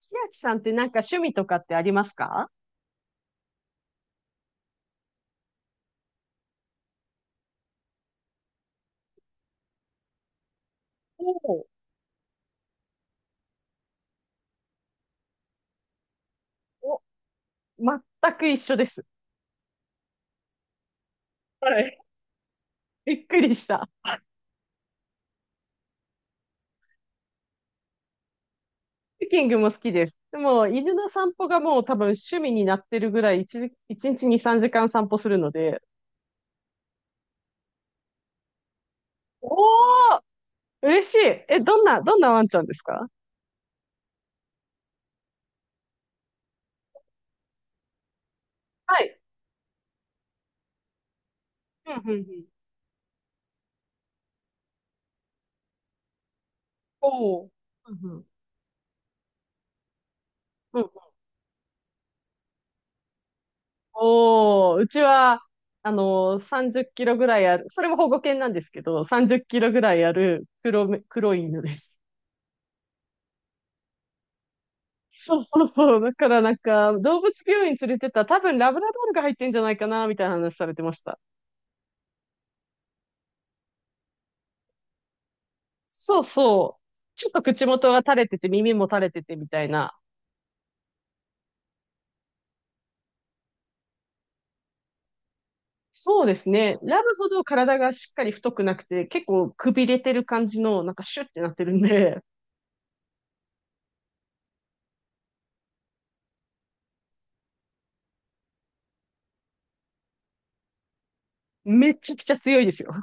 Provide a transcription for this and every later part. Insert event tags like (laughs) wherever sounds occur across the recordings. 千秋さんってなんか趣味とかってありますか？おう。お、全く一緒です。はい。びっくりした。ハッキングも好きです。でも、犬の散歩がもう多分趣味になってるぐらい、1、一日一日に3時間散歩するので、おー、嬉しい。え、どんなワンちゃんですか？はい。うんうんうん。おー、うんうんうん。おー、うちは、30キロぐらいある、それも保護犬なんですけど、30キロぐらいある黒い犬です。そうそうそう。だからなんか、動物病院連れてったら多分ラブラドールが入ってんじゃないかな、みたいな話されてました。そうそう。ちょっと口元が垂れてて、耳も垂れててみたいな。そうですね。ラブほど体がしっかり太くなくて、結構くびれてる感じの、なんかシュッてなってるんで、めちゃくちゃ強いですよ。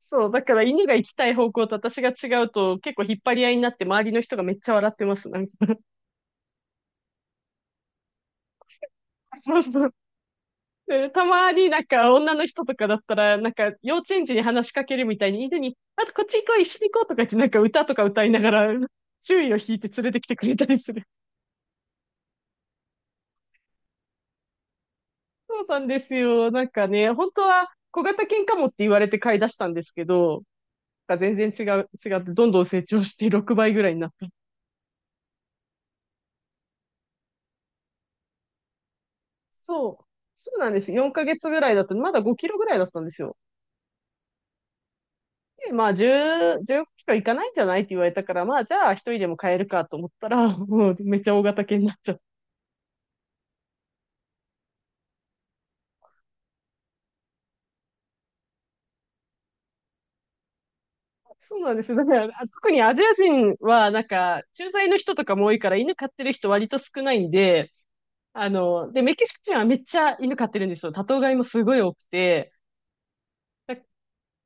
そう、だから犬が行きたい方向と私が違うと、結構引っ張り合いになって、周りの人がめっちゃ笑ってます。なんか。 (laughs)、そうそう。で、たまになんか女の人とかだったら、なんか幼稚園児に話しかけるみたいに、犬に、あとこっち行こう、一緒に行こうとか言ってなんか歌とか歌いながら、注意を引いて連れてきてくれたりする。そうなんですよ。なんかね、本当は小型犬かもって言われて飼い出したんですけど、なんか全然違う、違ってどんどん成長して6倍ぐらいになった。そう。そうなんです。4ヶ月ぐらいだったまだ5キロぐらいだったんですよ。で、まあ10、5キロいかないんじゃないって言われたから、まあじゃあ一人でも飼えるかと思ったら、もうめっちゃ大型犬になっちゃっ。そうなんですよ。だから、あ、特にアジア人は、なんか、駐在の人とかも多いから、犬飼ってる人割と少ないんで、で、メキシコ人はめっちゃ犬飼ってるんですよ。多頭飼いもすごい多くて、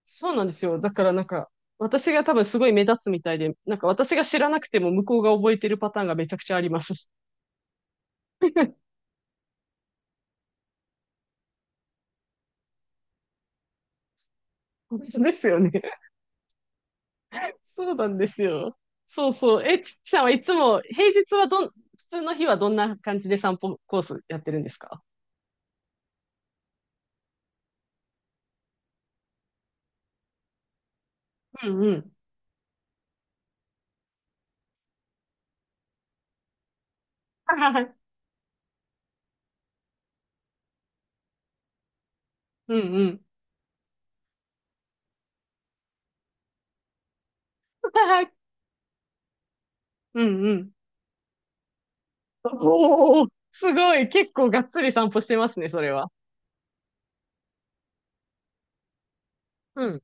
そうなんですよ。だからなんか、私が多分すごい目立つみたいで、なんか私が知らなくても向こうが覚えてるパターンがめちゃくちゃあります。(laughs) 本当ですよね。そうなんですよ。そうそう。え、ちきさんはいつも、平日はどん、普通の日はどんな感じで散歩コースやってるんですか？うんうん。(laughs) うんうん。(laughs) うんうん。おお、すごい。結構がっつり散歩してますね、それは。うん。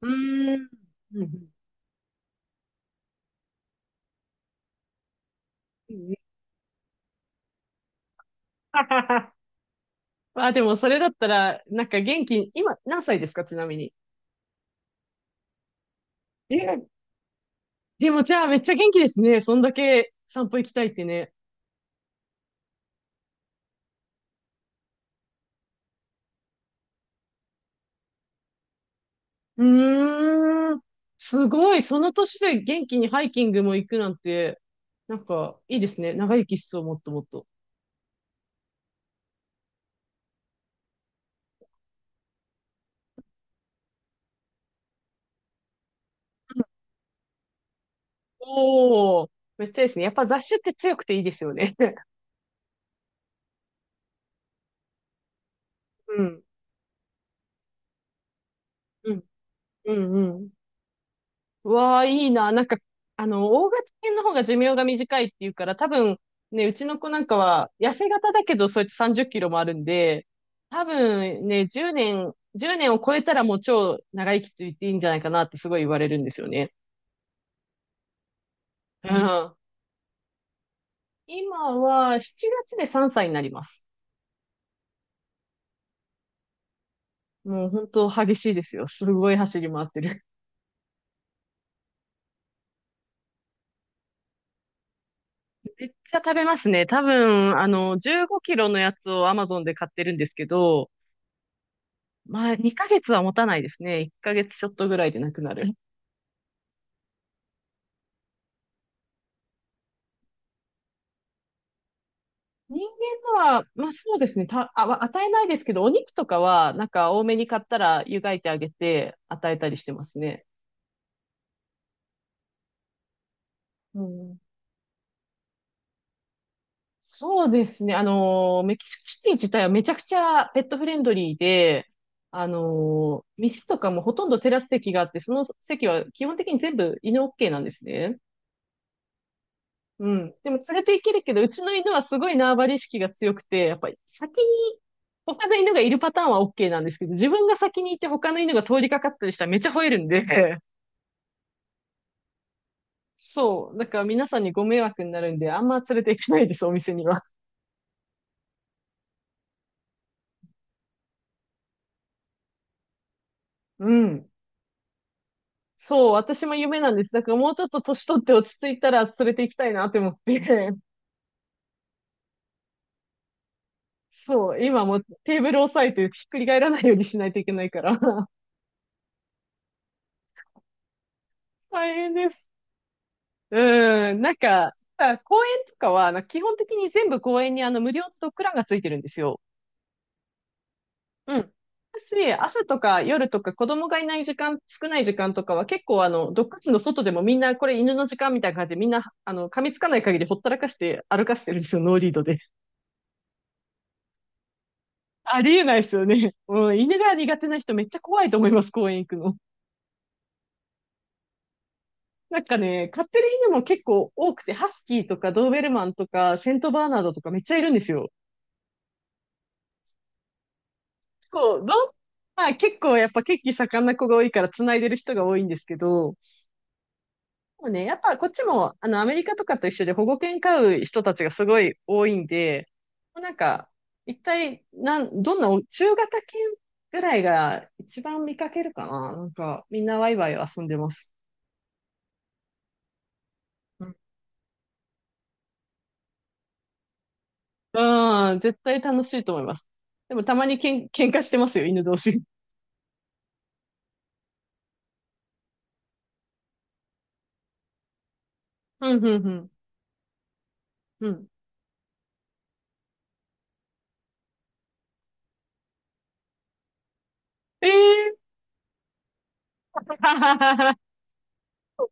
うーん。うんうんうん。ははは。ま (laughs) あ、でもそれだったら、なんか元気、今何歳ですか、ちなみに。え、でもじゃあめっちゃ元気ですね。そんだけ散歩行きたいってね。うーん。すごい。その年で元気にハイキングも行くなんて、なんかいいですね。長生きしそう、もっともっと。おお、めっちゃいいですね。やっぱ雑種って強くていいですよね。(laughs) うん。うんうんうん。うわあ、いいな。なんか、大型犬の方が寿命が短いっていうから、多分、ね、うちの子なんかは、痩せ型だけど、そうやって30キロもあるんで、多分ね、10年、1年を超えたらもう超長生きと言っていいんじゃないかなってすごい言われるんですよね。うん。今は7月で3歳になります。もう本当激しいですよ。すごい走り回ってる。(laughs) めっちゃ食べますね。多分、15キロのやつを Amazon で買ってるんですけど、まあ、2ヶ月は持たないですね。1ヶ月ちょっとぐらいでなくなる。人間のは、まあそうですね。た、あ、わ与えないですけど、お肉とかは、なんか多めに買ったら湯がいてあげて与えたりしてますね。うん。そうですね。メキシコシティ自体はめちゃくちゃペットフレンドリーで、店とかもほとんどテラス席があって、その席は基本的に全部犬 OK なんですね。うん。でも連れて行けるけど、うちの犬はすごい縄張り意識が強くて、やっぱり先に他の犬がいるパターンは OK なんですけど、自分が先に行って他の犬が通りかかったりしたらめっちゃ吠えるんで、(laughs) そう。だから皆さんにご迷惑になるんで、あんま連れて行かないです、お店には。うん。そう、私も夢なんです。だからもうちょっと年取って落ち着いたら連れて行きたいなって思って。(laughs) そう、今もうテーブル押さえてひっくり返らないようにしないといけないから。(laughs) 大変です。うん、なんか、あ、公園とかは、なんか基本的に全部公園に無料のドッグランがついてるんですよ。うん。私、朝とか夜とか子供がいない時間、少ない時間とかは結構ドッグランの外でもみんなこれ犬の時間みたいな感じでみんな、噛みつかない限りほったらかして歩かしてるんですよ、ノーリードで。ありえないですよね。うん、犬が苦手な人めっちゃ怖いと思います、公園行くの。なんかね、飼ってる犬も結構多くて、ハスキーとかドーベルマンとかセントバーナードとかめっちゃいるんですよ。構、どん、まあ結構やっぱ血気盛んな子が多いから繋いでる人が多いんですけど、もうね、やっぱこっちも、アメリカとかと一緒で保護犬飼う人たちがすごい多いんで、もうなんか、一体、なん、どんなお、中型犬ぐらいが一番見かけるかななんか、みんなワイワイ遊んでます。うん、うん、絶対楽しいと思います。でもたまに喧嘩してますよ、犬同士。うん、うん、うん。うん。ええー。 (laughs)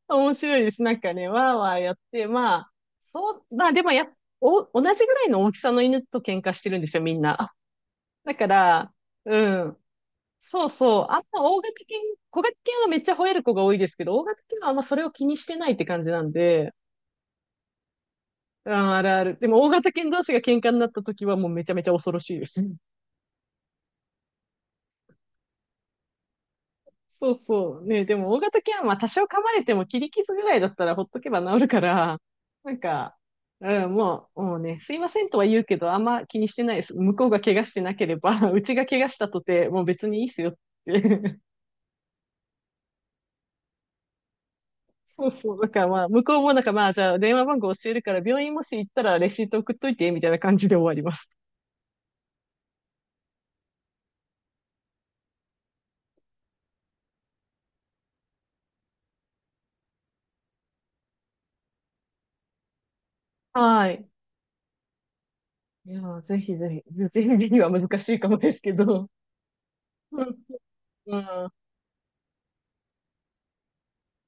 面白いです。なんかね、わーわーやって、まあ、そう、まあでもや、お、同じぐらいの大きさの犬と喧嘩してるんですよ、みんな。だから、うん。そうそう。あんま大型犬、小型犬はめっちゃ吠える子が多いですけど、大型犬はあんまそれを気にしてないって感じなんで、うん、あるある。でも大型犬同士が喧嘩になった時はもうめちゃめちゃ恐ろしいです。そうそう。ね、でも大型犬はまあ多少噛まれても切り傷ぐらいだったらほっとけば治るから、なんか、うん、もうね、すいませんとは言うけど、あんま気にしてないです。向こうが怪我してなければ、(laughs) うちが怪我したとて、もう別にいいっすよって。(laughs) そうそう。だからまあ、向こうもなんかまあ、じゃあ電話番号教えるから、病院もし行ったらレシート送っといて、みたいな感じで終わります。はい。いやー、ぜひぜひ、ぜひぜひは難しいかもですけど。うん。うん、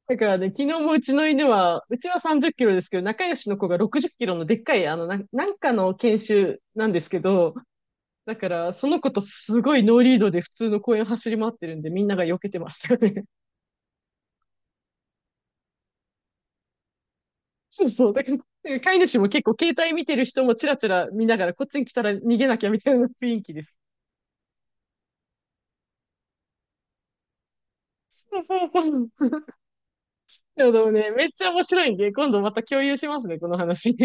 だからね、昨日もうちの犬は、うちは30キロですけど、仲良しの子が60キロのでっかい、あの、なんかの研修なんですけど、だから、その子とすごいノーリードで普通の公園走り回ってるんで、みんなが避けてましたよね。(laughs) そうそう。だから、飼い主も結構携帯見てる人もチラチラ見ながら、こっちに来たら逃げなきゃみたいな雰囲気です。そうそうそう。でもね、めっちゃ面白いんで、今度また共有しますね、この話。